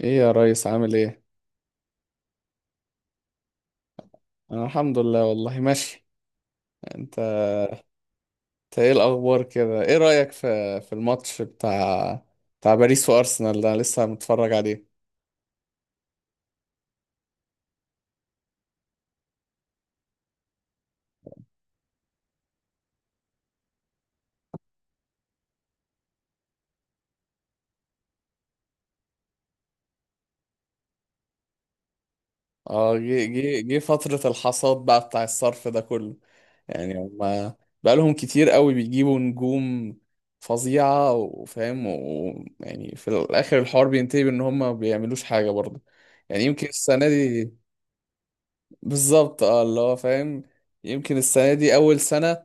ايه يا ريس، عامل ايه؟ انا الحمد لله والله ماشي. انت؟ إنت ايه الاخبار كده؟ ايه رايك في الماتش بتاع باريس وارسنال ده؟ أنا لسه متفرج عليه. اه، جه فتره الحصاد بقى بتاع الصرف ده كله، يعني هما بقى لهم كتير قوي بيجيبوا نجوم فظيعه، وفاهم، ويعني في الاخر الحوار بينتهي بان هما ما بيعملوش حاجه برضه. يعني يمكن السنه دي. بالظبط، اه، اللي هو فاهم. يمكن السنه دي اول سنه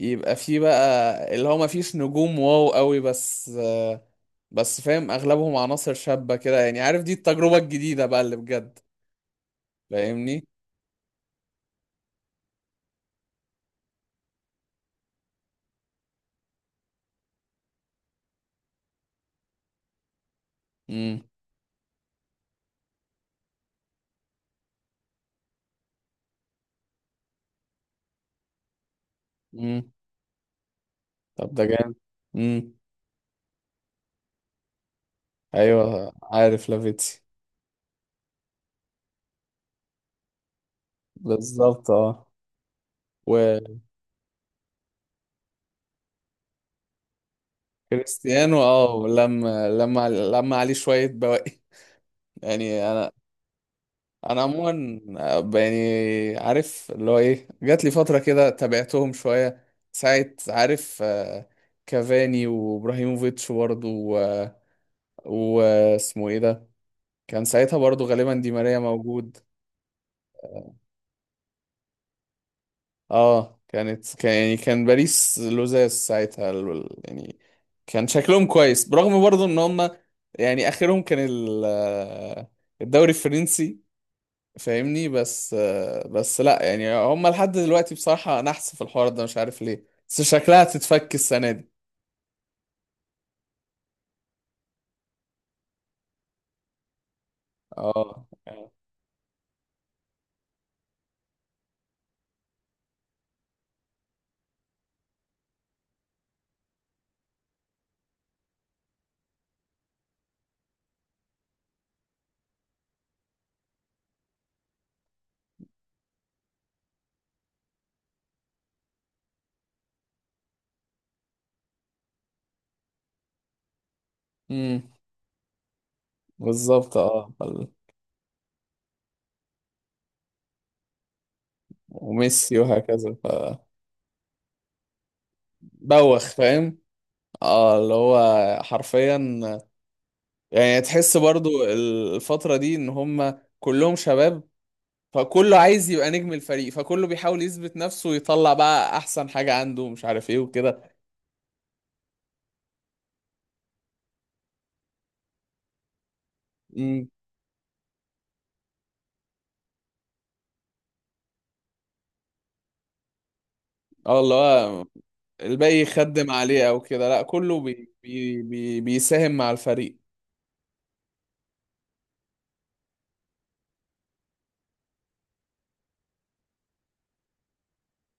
يبقى في بقى اللي هو ما فيش نجوم واو قوي، بس بس فاهم اغلبهم عناصر شابة كده، يعني عارف، دي التجربة الجديدة بقى اللي بجد. فاهمني. امم. امم. طب ده جامد. امم. ايوه عارف لافيتسي. بالظبط، اه. وكريستيانو اه لما لما عليه شوية بواقي يعني انا عموما، يعني عارف اللي هو ايه، جات لي فتره كده تابعتهم شويه ساعه، عارف، كافاني وابراهيموفيتش برضه. واسمه ايه ده؟ كان ساعتها برضه غالبا دي ماريا موجود. اه، كان يعني كان باريس لوزاس ساعتها، يعني كان شكلهم كويس، برغم برضه ان هم يعني اخرهم كان الدوري الفرنسي. فاهمني، بس بس لا يعني هم لحد دلوقتي بصراحة نحس في الحوار ده، مش عارف ليه، بس شكلها هتتفك السنة دي. اه. امم. بالظبط، اه. وميسي وهكذا، ف. بوخ فاهم. اه، اللي هو حرفيا، يعني تحس برضو الفترة دي ان هم كلهم شباب. فكله عايز يبقى نجم الفريق، فكله بيحاول يثبت نفسه ويطلع بقى احسن حاجة عنده، مش عارف ايه وكده. امم. اه، اللي هو الباقي يخدم عليه او كده؟ لا، كله بي بيساهم مع الفريق.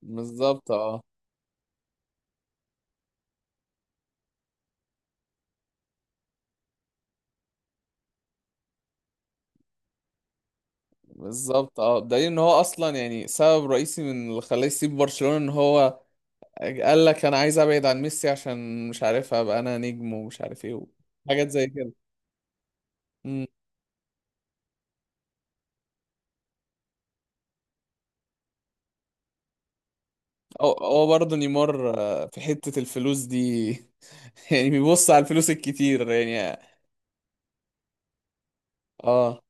بالظبط، اه. بالظبط، اه، بدليل ان هو اصلا يعني سبب رئيسي من اللي خلاه يسيب برشلونة ان هو قال لك انا عايز ابعد عن ميسي، عشان مش عارف ابقى انا نجم، ومش عارف ايه، حاجات زي كده. امم. هو برضه نيمار في حتة الفلوس دي يعني بيبص على الفلوس الكتير يعني. اه،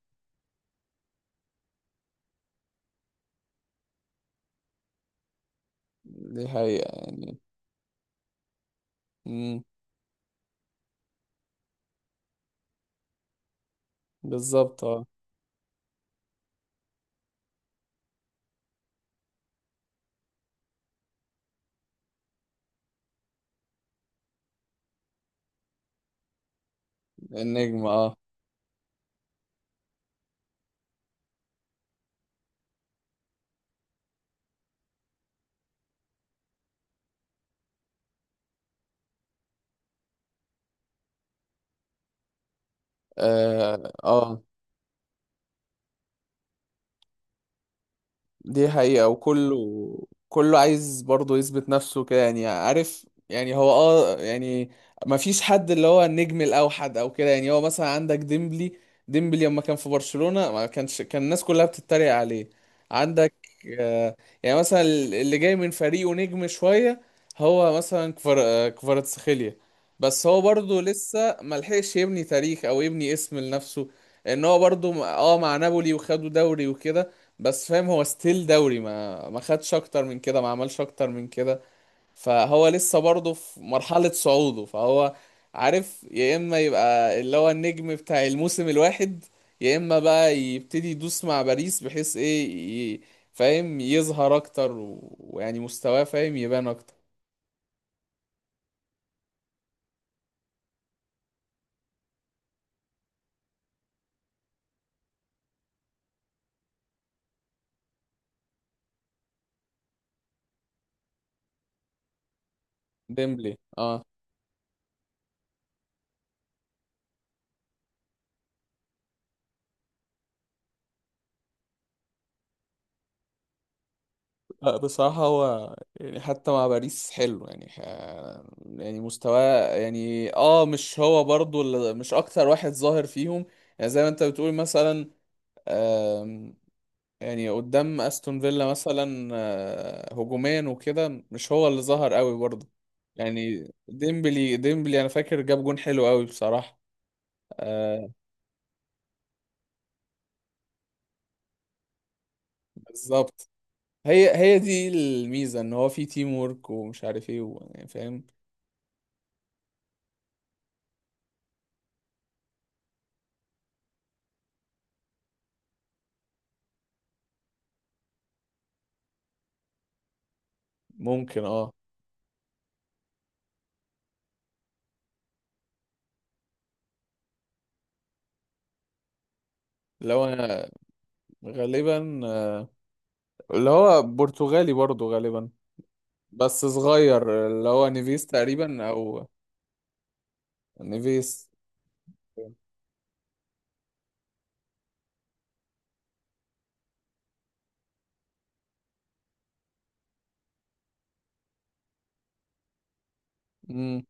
دي حقيقة يعني. امم. بالظبط، اه. النجم، اه. اه، آه. دي حقيقة. وكله، كله عايز برضه يثبت نفسه كده، يعني عارف، يعني هو اه يعني ما فيش حد اللي هو النجم الأوحد أو كده. يعني هو مثلا عندك ديمبلي. ديمبلي لما كان في برشلونة ما كانش كان الناس كلها بتتريق عليه. عندك آه، يعني مثلا اللي جاي من فريقه نجم شوية، هو مثلا كفر آه، كفاراتسخيليا، بس هو برضه لسه ملحقش يبني تاريخ أو يبني اسم لنفسه. ان هو برضه مع نابولي وخدوا دوري وكده، بس فاهم هو ستيل دوري، ما خدش اكتر من كده، ما عملش اكتر من كده. فهو لسه برضه في مرحلة صعوده، فهو عارف، يا اما يبقى اللي هو النجم بتاع الموسم الواحد، يا اما بقى يبتدي يدوس مع باريس بحيث ايه، ي- فاهم، يظهر اكتر ويعني مستواه فاهم يبان اكتر. ديمبلي، اه. لا بصراحة هو يعني حتى مع باريس حلو، يعني يعني مستواه يعني اه، مش هو برضو مش اكتر واحد ظاهر فيهم. يعني زي ما انت بتقول مثلا، آم، يعني قدام استون فيلا مثلا هجوميا وكده مش هو اللي ظهر قوي برضو. يعني ديمبلي، ديمبلي انا فاكر جاب جون حلو قوي بصراحة، آه، بالظبط. هي دي الميزة، ان هو في تيم وورك ومش عارف ايه يعني فاهم. ممكن، اه. لو انا، غالبا اللي هو برتغالي برضو، غالبا، بس صغير، اللي هو نيفيس تقريبا، او نيفيس. امم.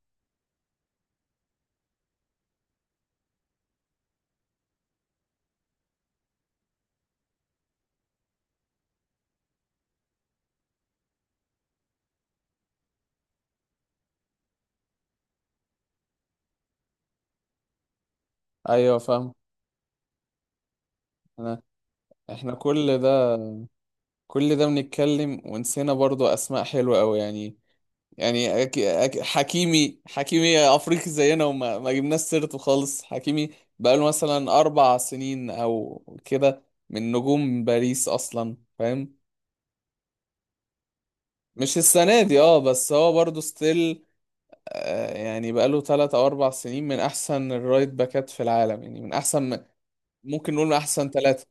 ايوه فاهم. انا، احنا كل ده، كل ده بنتكلم ونسينا برضو اسماء حلوه قوي يعني. يعني حكيمي، حكيمي افريقي زينا وما ما جبناش سيرته خالص. حكيمي بقاله مثلا اربع سنين او كده من نجوم باريس اصلا، فاهم؟ مش السنه دي، اه، بس هو برضو ستيل، يعني بقاله ثلاث او اربع سنين من احسن الرايت باكات في العالم، يعني من احسن، ممكن نقول من احسن ثلاثة.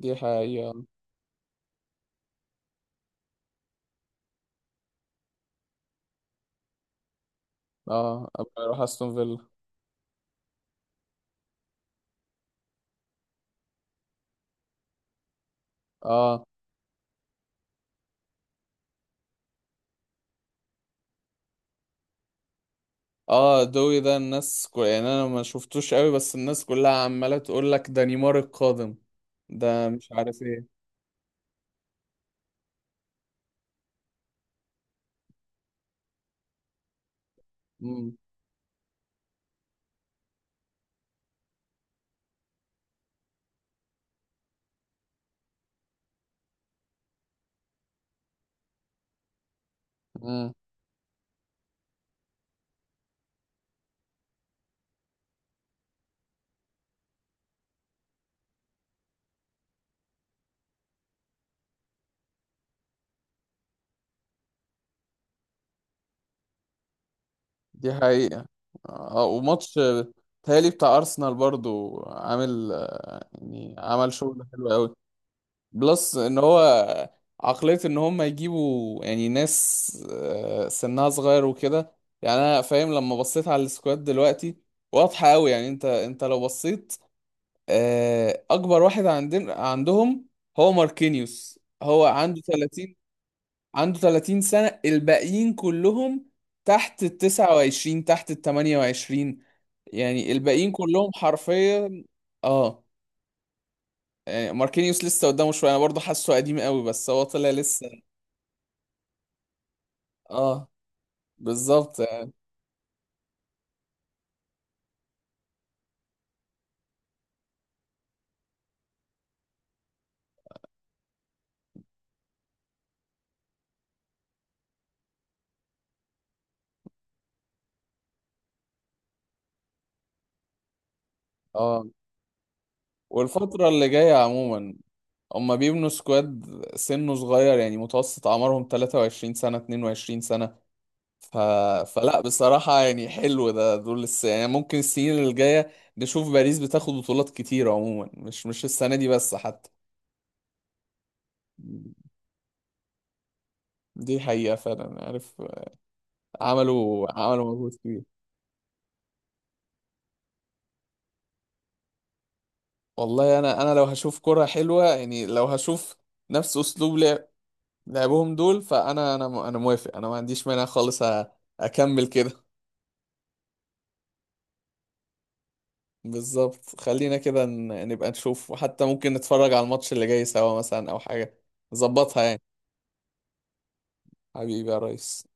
دي حقيقة. اه، ابقى اروح استون فيلا. اه. اه، دوي ده الناس يعني انا ما شفتوش قوي، بس الناس كلها عمالة تقول لك ده نيمار القادم، ده مش عارف ايه. امم. امم. دي حقيقة. اه، وماتش تهيألي بتاع ارسنال برضو عامل يعني عمل شغل حلو قوي. بلس ان هو عقلية ان هم يجيبوا يعني ناس سنها صغير وكده. يعني انا فاهم لما بصيت على السكواد دلوقتي، واضحة قوي، يعني انت، لو بصيت، اكبر واحد عندهم هو ماركينيوس. هو عنده 30، عنده 30 سنة. الباقيين كلهم تحت ال 29، تحت ال 28. يعني الباقيين كلهم حرفيا. اه، يعني ماركينيوس لسه قدامه شويه، انا برضه حاسه قديم قوي بس هو طلع لسه. اه، بالظبط يعني. اه، والفترة اللي جاية عموما هما بيبنوا سكواد سنه صغير، يعني متوسط أعمارهم 23 سنة، 22 سنة. ف... فلا بصراحة يعني حلو ده، دول لسه، يعني ممكن السنين اللي جاية نشوف باريس بتاخد بطولات كتير عموما، مش السنة دي بس حتى. دي حقيقة فعلا، عارف. عملوا مجهود كبير. والله أنا، لو هشوف كرة حلوة، يعني لو هشوف نفس أسلوب لعب لعبهم دول، فانا، انا موافق، انا ما عنديش مانع خالص. اكمل كده. بالظبط، خلينا كده نبقى نشوف، وحتى ممكن نتفرج على الماتش اللي جاي سوا مثلا او حاجة نظبطها يعني. حبيبي يا ريس.